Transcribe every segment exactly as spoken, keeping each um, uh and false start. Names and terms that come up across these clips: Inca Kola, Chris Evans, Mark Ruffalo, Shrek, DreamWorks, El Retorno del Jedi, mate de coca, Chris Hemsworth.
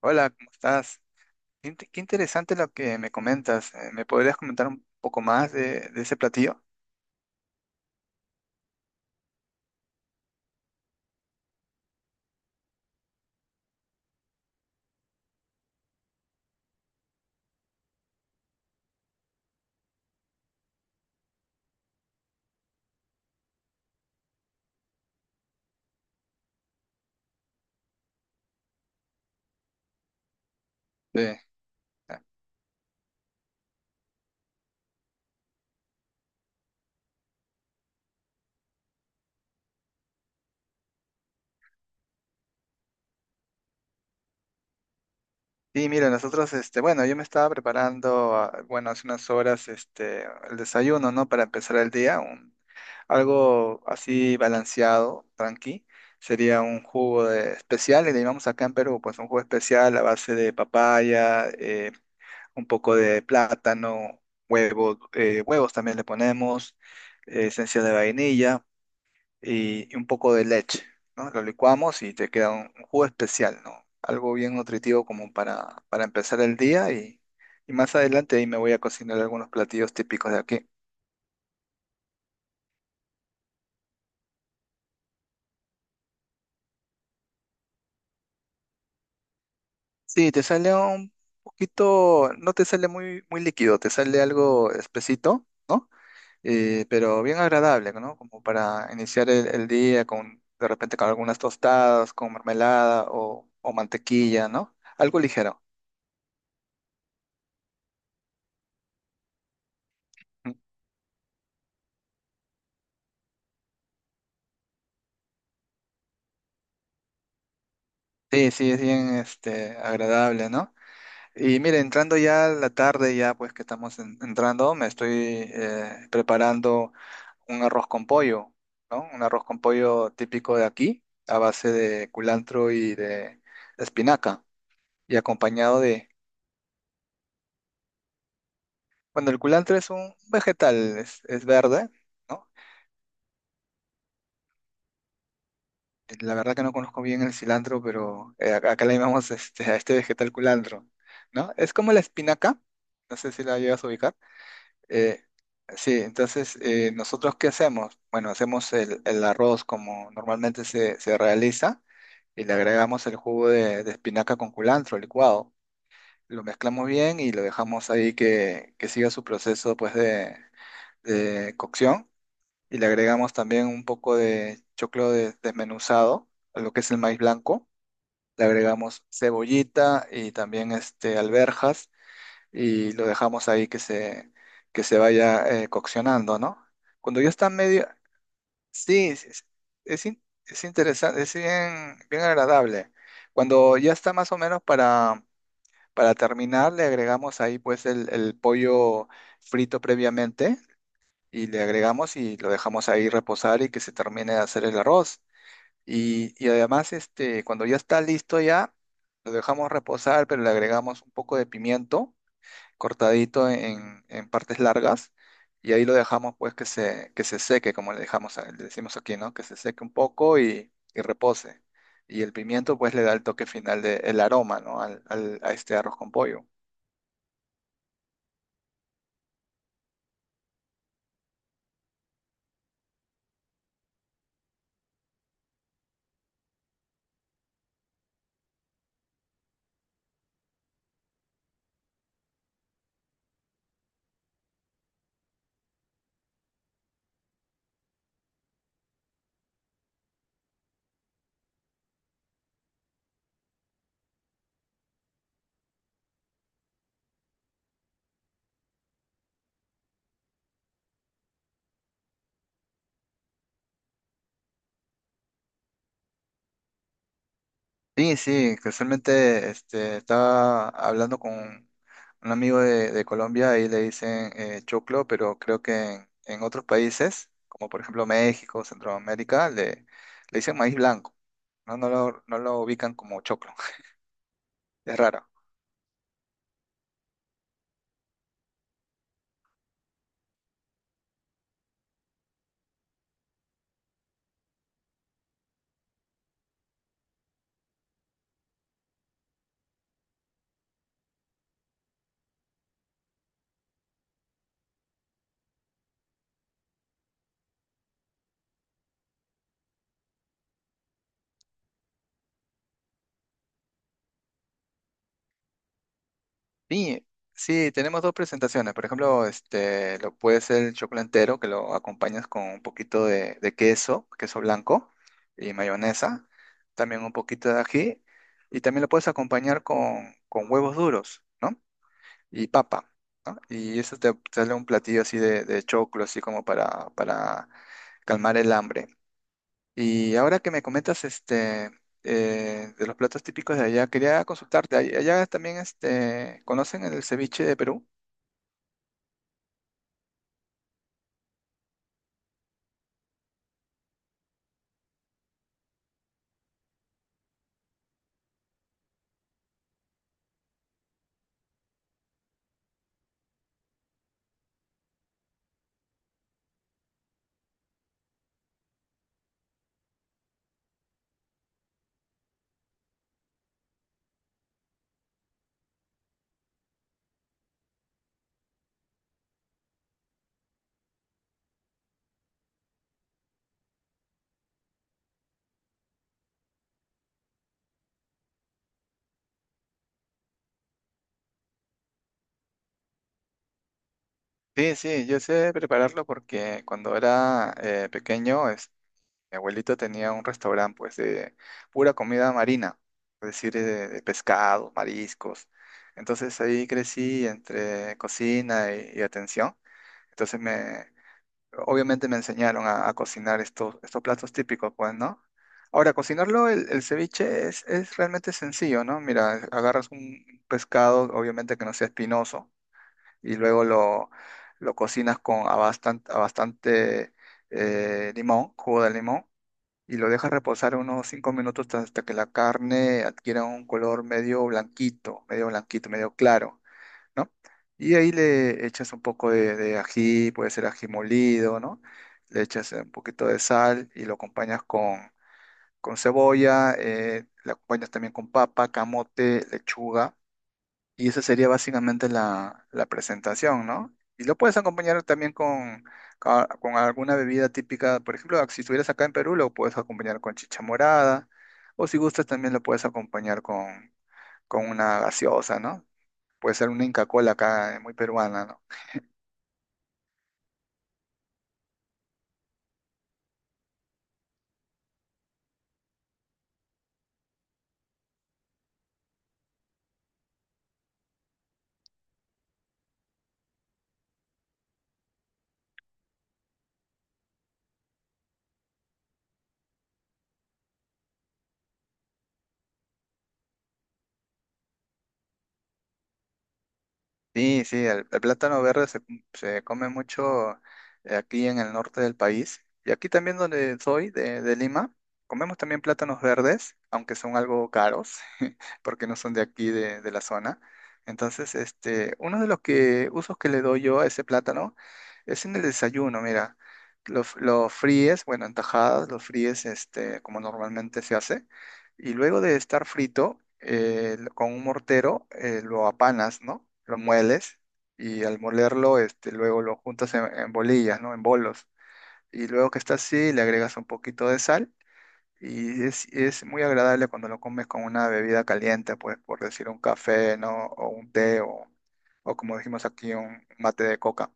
Hola, ¿cómo estás? Qué, inte- qué interesante lo que me comentas. Eh, ¿Me podrías comentar un poco más de, de ese platillo? Sí. Ah, sí, mira, nosotros, este, bueno, yo me estaba preparando, ah, bueno, hace unas horas, este, el desayuno, ¿no? Para empezar el día, un, algo así balanceado, tranqui. Sería un jugo de- especial, y le llamamos acá en Perú, pues un jugo especial a base de papaya, eh, un poco de plátano, huevos, eh, huevos también le ponemos, eh, esencia de vainilla y, y un poco de leche, ¿no? Lo licuamos y te queda un, un jugo especial, ¿no? Algo bien nutritivo como para, para empezar el día y, y más adelante ahí me voy a cocinar algunos platillos típicos de aquí. Sí, te sale un poquito, no te sale muy, muy líquido, te sale algo espesito, ¿no? eh, pero bien agradable, ¿no? Como para iniciar el, el día con, de repente, con algunas tostadas, con mermelada o, o mantequilla, ¿no? Algo ligero. Mm. Sí, sí, es bien este, agradable, ¿no? Y mire, entrando ya a la tarde, ya pues que estamos en- entrando, me estoy eh, preparando un arroz con pollo, ¿no? Un arroz con pollo típico de aquí, a base de culantro y de espinaca, y acompañado de, bueno, el culantro es un vegetal, es, es verde, ¿no? La verdad que no conozco bien el cilantro, pero eh, acá acá le llamamos este, a este vegetal culantro, ¿no? Es como la espinaca, no sé si la llevas a ubicar. Eh, sí, entonces, eh, ¿nosotros qué hacemos? Bueno, hacemos el, el arroz como normalmente se, se realiza y le agregamos el jugo de, de espinaca con culantro licuado. Lo mezclamos bien y lo dejamos ahí que, que siga su proceso pues, de, de cocción y le agregamos también un poco de choclo de- desmenuzado, lo que es el maíz blanco. Le agregamos cebollita y también este, alverjas y lo dejamos ahí que se, que se vaya eh, coccionando, ¿no? Cuando ya está medio... Sí, sí, sí, es, in- es interesante, es bien, bien agradable. Cuando ya está más o menos para, para terminar, le agregamos ahí pues el, el pollo frito previamente y le agregamos y lo dejamos ahí reposar y que se termine de hacer el arroz. Y, y además, este, cuando ya está listo ya, lo dejamos reposar, pero le agregamos un poco de pimiento cortadito en, en partes largas y ahí lo dejamos pues que se, que se seque, como le dejamos, a- le decimos aquí, ¿no? Que se seque un poco y, y repose. Y el pimiento pues le da el toque final de, el aroma, ¿no? al, al- a este arroz con pollo. Sí, sí, casualmente este, estaba hablando con un amigo de, de Colombia y le dicen eh, choclo, pero creo que en, en otros países, como por ejemplo México, Centroamérica, le, le dicen maíz blanco. No, no lo, no lo ubican como choclo. Es raro. Sí, sí, tenemos dos presentaciones. Por ejemplo, este, lo puede ser el choclo entero, que lo acompañas con un poquito de, de queso, queso blanco y mayonesa, también un poquito de ají, y también lo puedes acompañar con, con huevos duros, ¿no? Y papa, ¿no? Y eso te sale un platillo así de, de choclo, así como para, para calmar el hambre. Y ahora que me comentas este, eh, de los platos típicos de allá, quería consultarte. ¿All- ¿Allá también este, conocen el ceviche de Perú? Sí, sí, yo sé prepararlo porque cuando era eh, pequeño, es- mi abuelito tenía un restaurante pues de pura comida marina, es decir, eh, de, pescado, mariscos. Entonces ahí crecí entre cocina y, y atención. Entonces me, obviamente me enseñaron a, a cocinar estos, estos platos típicos, pues, ¿no? Ahora, cocinarlo, el, el ceviche es, es realmente sencillo, ¿no? Mira, agarras un pescado, obviamente que no sea espinoso, y luego lo, lo cocinas con a bastante, a bastante eh, limón, jugo de limón, y lo dejas reposar unos cinco minutos hasta que la carne adquiera un color medio blanquito, medio blanquito, medio claro. ¿no? Y ahí le echas un poco de, de ají, puede ser ají molido, ¿no? Le echas eh, un poquito de sal y lo acompañas con, con cebolla, eh, lo acompañas también con papa, camote, lechuga, y esa sería básicamente la, la presentación, ¿no? Y lo puedes acompañar también con, ca- con alguna bebida típica, por ejemplo, si estuvieras acá en Perú, lo puedes acompañar con chicha morada, o si gustas también lo puedes acompañar con, con una gaseosa, ¿no? Puede ser una Inca Kola acá, eh, muy peruana, ¿no? Sí, sí, el, el plátano verde se, se come mucho eh, aquí en el norte del país. Y aquí también donde soy, de, de Lima, comemos también plátanos verdes, aunque son algo caros. Porque no son de aquí, de, de la zona. Entonces, este, uno de los que, usos que le doy yo a ese plátano es en el desayuno, mira. Lo, f- lo fríes, bueno, en tajadas, lo fríes este, como normalmente se hace. Y luego de estar frito, eh, lo- con un mortero, eh, lo apanas, ¿no? Lo mueles y al molerlo, este, luego lo juntas en, en bolillas, ¿no? En bolos. Y luego que está así, le agregas un poquito de sal y es, es muy agradable cuando lo comes con una bebida caliente, pues por decir un café, ¿no? O un té, o, o como dijimos aquí, un mate de coca.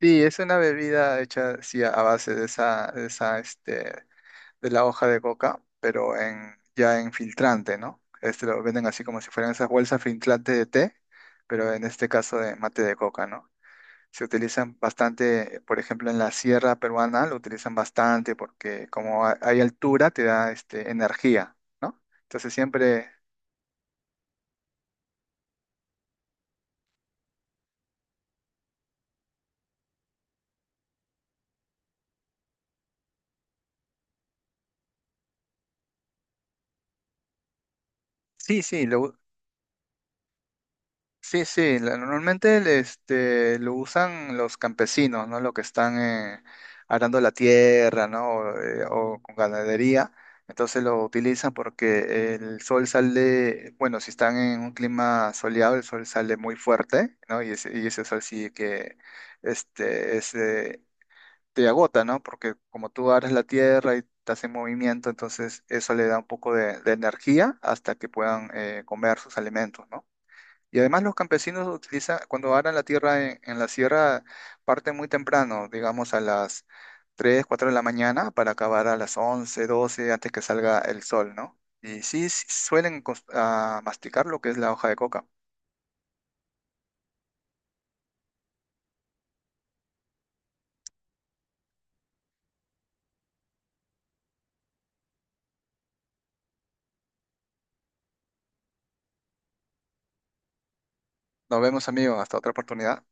Sí, es una bebida hecha sí, a base de esa, de esa, este, de la hoja de coca, pero en, ya en filtrante, ¿no? Este lo venden así como si fueran esas bolsas filtrantes de té, pero en este caso de mate de coca, ¿no? Se utilizan bastante, por ejemplo, en la sierra peruana lo utilizan bastante porque como ha- hay altura te da este, energía, ¿no? Entonces siempre, sí, sí, lo, sí, sí, la- normalmente el, este, lo usan los campesinos, ¿no? Los que están eh, arando la tierra, ¿no? O, eh, o con ganadería. Entonces lo utilizan porque el sol sale, bueno, si están en un clima soleado, el sol sale muy fuerte, ¿no? Y ese, y ese sol sí que este, es, eh, te agota, ¿no? Porque como tú aras la tierra y estás en movimiento, entonces eso le da un poco de, de energía hasta que puedan eh, comer sus alimentos, ¿no? Y además los campesinos utilizan, cuando aran la tierra en, en la sierra, parten muy temprano, digamos a las tres, cuatro de la mañana para acabar a las once, doce, antes que salga el sol, ¿no? Y sí, sí suelen cons- ah, masticar lo que es la hoja de coca. Nos vemos, amigos, hasta otra oportunidad.